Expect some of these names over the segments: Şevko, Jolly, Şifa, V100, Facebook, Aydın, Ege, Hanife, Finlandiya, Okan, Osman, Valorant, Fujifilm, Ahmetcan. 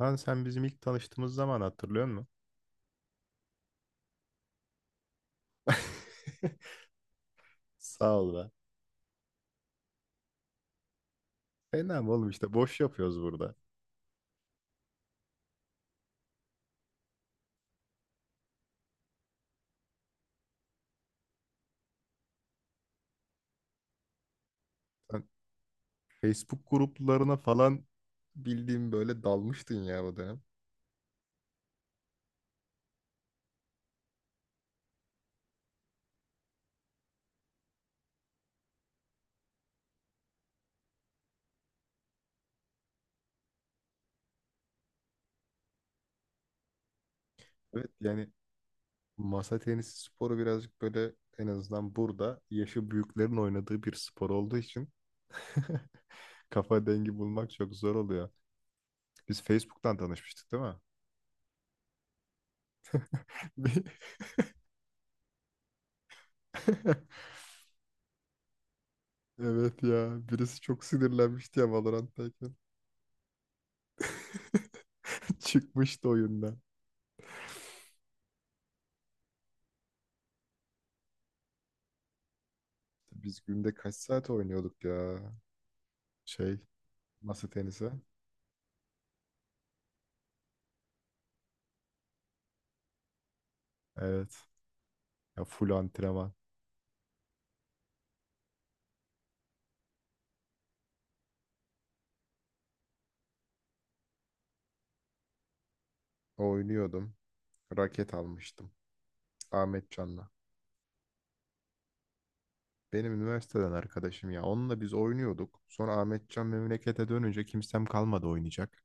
Lan sen bizim ilk tanıştığımız zaman hatırlıyor musun? Sağ ol be. Fena mı oğlum, işte boş yapıyoruz burada. Sen Facebook gruplarına falan bildiğim böyle dalmıştın ya o dönem. Evet yani masa tenisi sporu birazcık böyle, en azından burada yaşı büyüklerin oynadığı bir spor olduğu için kafa dengi bulmak çok zor oluyor. Biz Facebook'tan tanışmıştık değil mi? Bir- Evet ya, birisi çok sinirlenmişti ya Valorant'tayken. Çıkmıştı oyundan. Biz günde kaç saat oynuyorduk ya? Şey, masa tenisi. Evet. Ya full antrenman. Oynuyordum. Raket almıştım. Ahmetcan'la. Benim üniversiteden arkadaşım ya. Onunla biz oynuyorduk. Sonra Ahmetcan memlekete dönünce kimsem kalmadı oynayacak.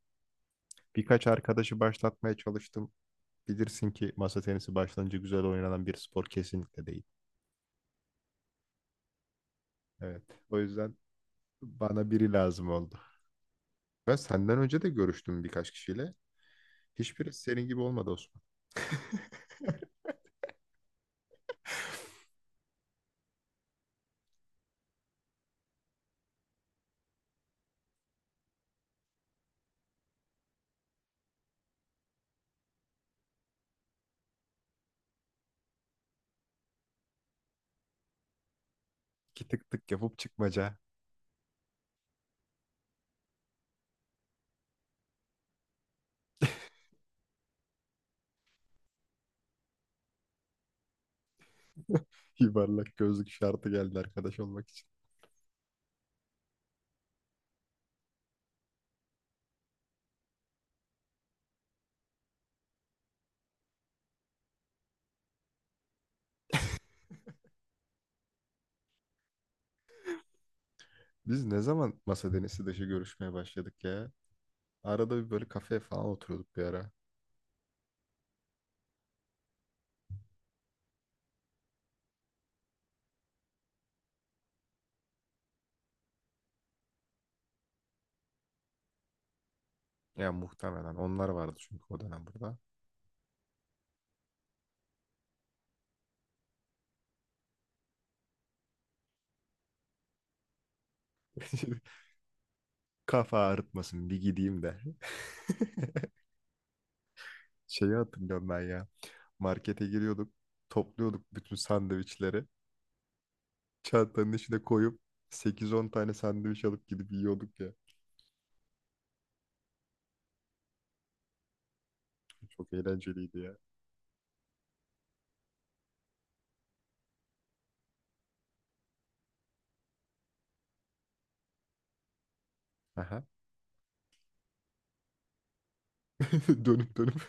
Birkaç arkadaşı başlatmaya çalıştım. Bilirsin ki masa tenisi başlanınca güzel oynanan bir spor kesinlikle değil. Evet. O yüzden bana biri lazım oldu. Ben senden önce de görüştüm birkaç kişiyle. Hiçbiri senin gibi olmadı, Osman. İki tık tık yapıp çıkmaca. Yuvarlak gözlük şartı geldi arkadaş olmak için. Biz ne zaman masa denisi dışı görüşmeye başladık ya? Arada bir böyle kafeye falan oturuyorduk bir ara. Ya muhtemelen onlar vardı, çünkü o dönem burada. Kafa ağrıtmasın, bir gideyim de. Şeyi hatırlıyorum ben ya. Markete giriyorduk. Topluyorduk bütün sandviçleri. Çantanın içine koyup sekiz on tane sandviç alıp gidip yiyorduk ya. Çok eğlenceliydi ya. Aha. Dönüp dönüp.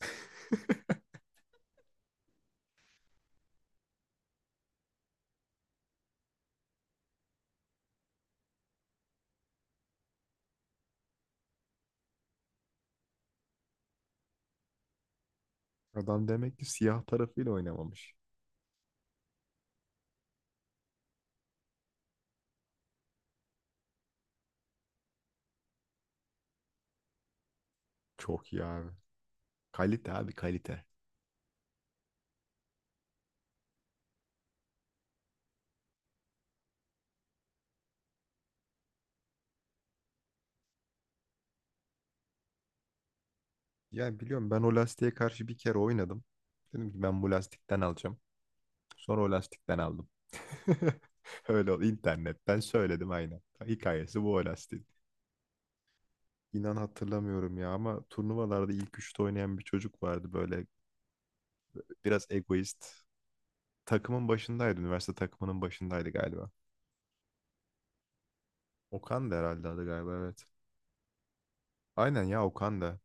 Adam demek ki siyah tarafıyla oynamamış. Çok iyi abi. Kalite abi, kalite. Ya biliyorum, ben o lastiğe karşı bir kere oynadım. Dedim ki ben bu lastikten alacağım. Sonra o lastikten aldım. Öyle oldu. İnternetten söyledim aynen. Hikayesi bu o lastiğin. İnan hatırlamıyorum ya, ama turnuvalarda ilk üçte oynayan bir çocuk vardı böyle, biraz egoist. Takımın başındaydı. Üniversite takımının başındaydı galiba. Okan da herhalde adı, galiba evet. Aynen ya, Okan da.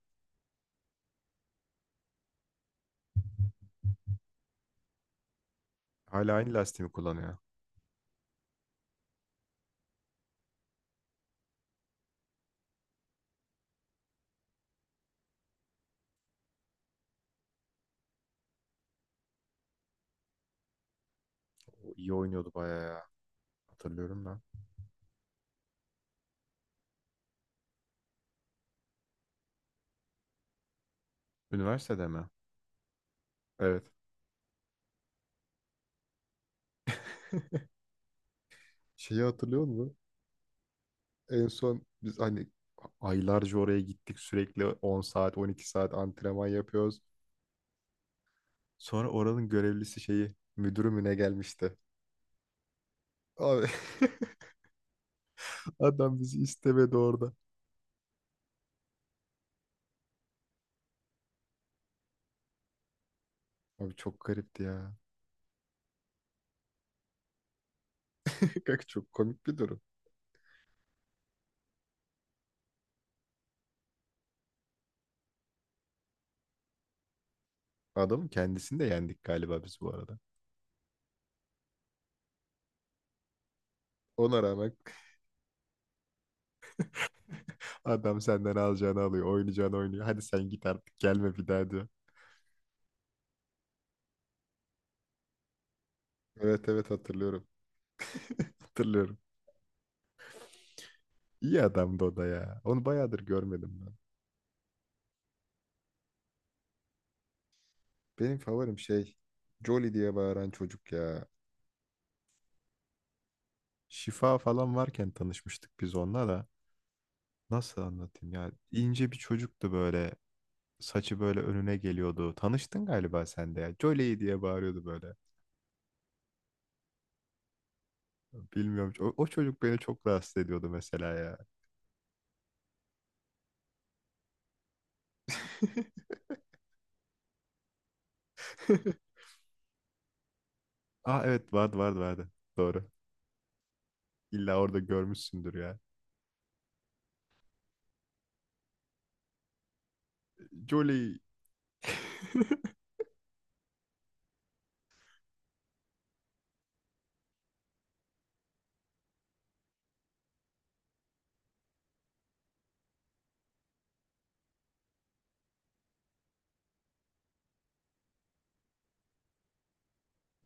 Hala aynı lastiği mi kullanıyor? O iyi oynuyordu bayağı ya. Hatırlıyorum ben. Üniversitede mi? Evet. Şeyi hatırlıyor musun? En son biz hani aylarca oraya gittik, sürekli 10 saat 12 saat antrenman yapıyoruz. Sonra oranın görevlisi, şeyi, müdürü mü ne gelmişti? Abi, adam bizi istemedi orada. Abi çok garipti ya. Kanka, çok komik bir durum. Adamın kendisini de yendik galiba biz bu arada. Ona rağmen adam senden alacağını alıyor, oynayacağını oynuyor. Hadi sen git artık, gelme bir daha diyor. Evet evet, hatırlıyorum. Hatırlıyorum. İyi adamdı o da ya. Onu bayağıdır görmedim ben. Benim favorim şey, Jolly diye bağıran çocuk ya. Şifa falan varken tanışmıştık biz onunla da. Nasıl anlatayım ya? İnce bir çocuktu böyle. Saçı böyle önüne geliyordu. Tanıştın galiba sen de ya. Jolly diye bağırıyordu böyle. Bilmiyorum. O çocuk beni çok rahatsız ediyordu mesela ya. Aa, evet vardı vardı vardı. Doğru. İlla orada görmüşsündür ya. Jolly.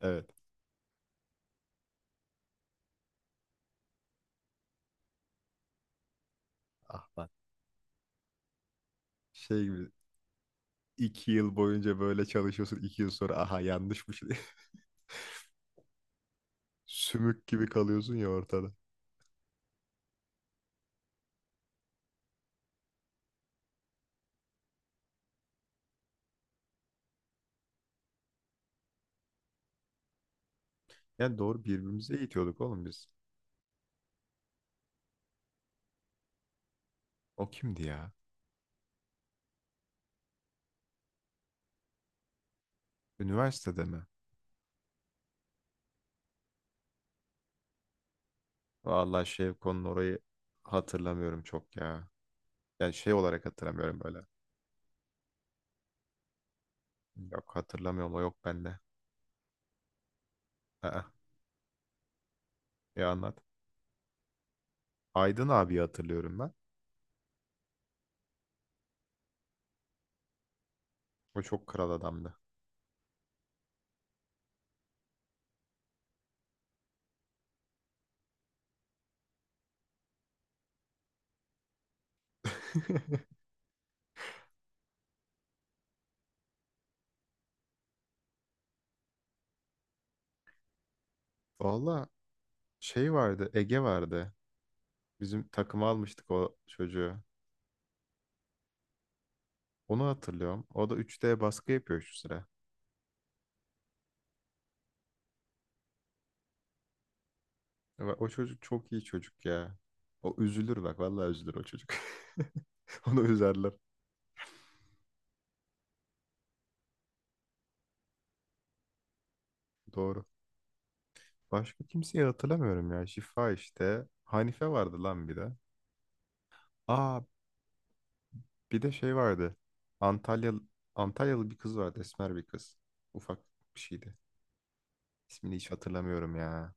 Evet. Ah lan. Şey gibi, 2 yıl boyunca böyle çalışıyorsun. 2 yıl sonra aha yanlışmış diye. Sümük gibi kalıyorsun ya ortada. Yani doğru, birbirimize eğitiyorduk oğlum biz. O kimdi ya? Üniversitede mi? Vallahi Şevko'nun orayı hatırlamıyorum çok ya. Yani şey olarak hatırlamıyorum böyle. Yok, hatırlamıyorum, o yok bende. Aa, ya anlat. Aydın abi hatırlıyorum ben. O çok kral adamdı. Valla şey vardı, Ege vardı. Bizim takıma almıştık o çocuğu. Onu hatırlıyorum. O da 3D baskı yapıyor şu sıra. Ya bak, o çocuk çok iyi çocuk ya. O üzülür, bak vallahi üzülür o çocuk. Onu üzerler. Doğru. Başka kimseyi hatırlamıyorum ya. Şifa işte. Hanife vardı lan bir de. Aa, bir de şey vardı. Antalyalı, Antalyalı bir kız vardı. Esmer bir kız. Ufak bir şeydi. İsmini hiç hatırlamıyorum ya.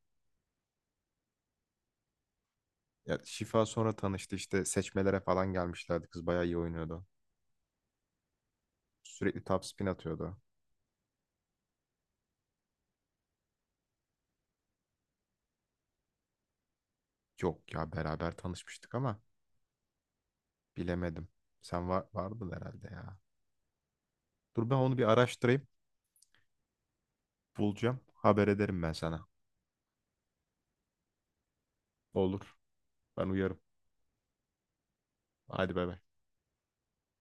Ya Şifa sonra tanıştı, işte seçmelere falan gelmişlerdi. Kız bayağı iyi oynuyordu. Sürekli top spin atıyordu. Yok ya, beraber tanışmıştık ama bilemedim. Sen vardın herhalde ya. Dur ben onu bir araştırayım. Bulacağım. Haber ederim ben sana. Olur. Ben uyarım. Hadi bay bay.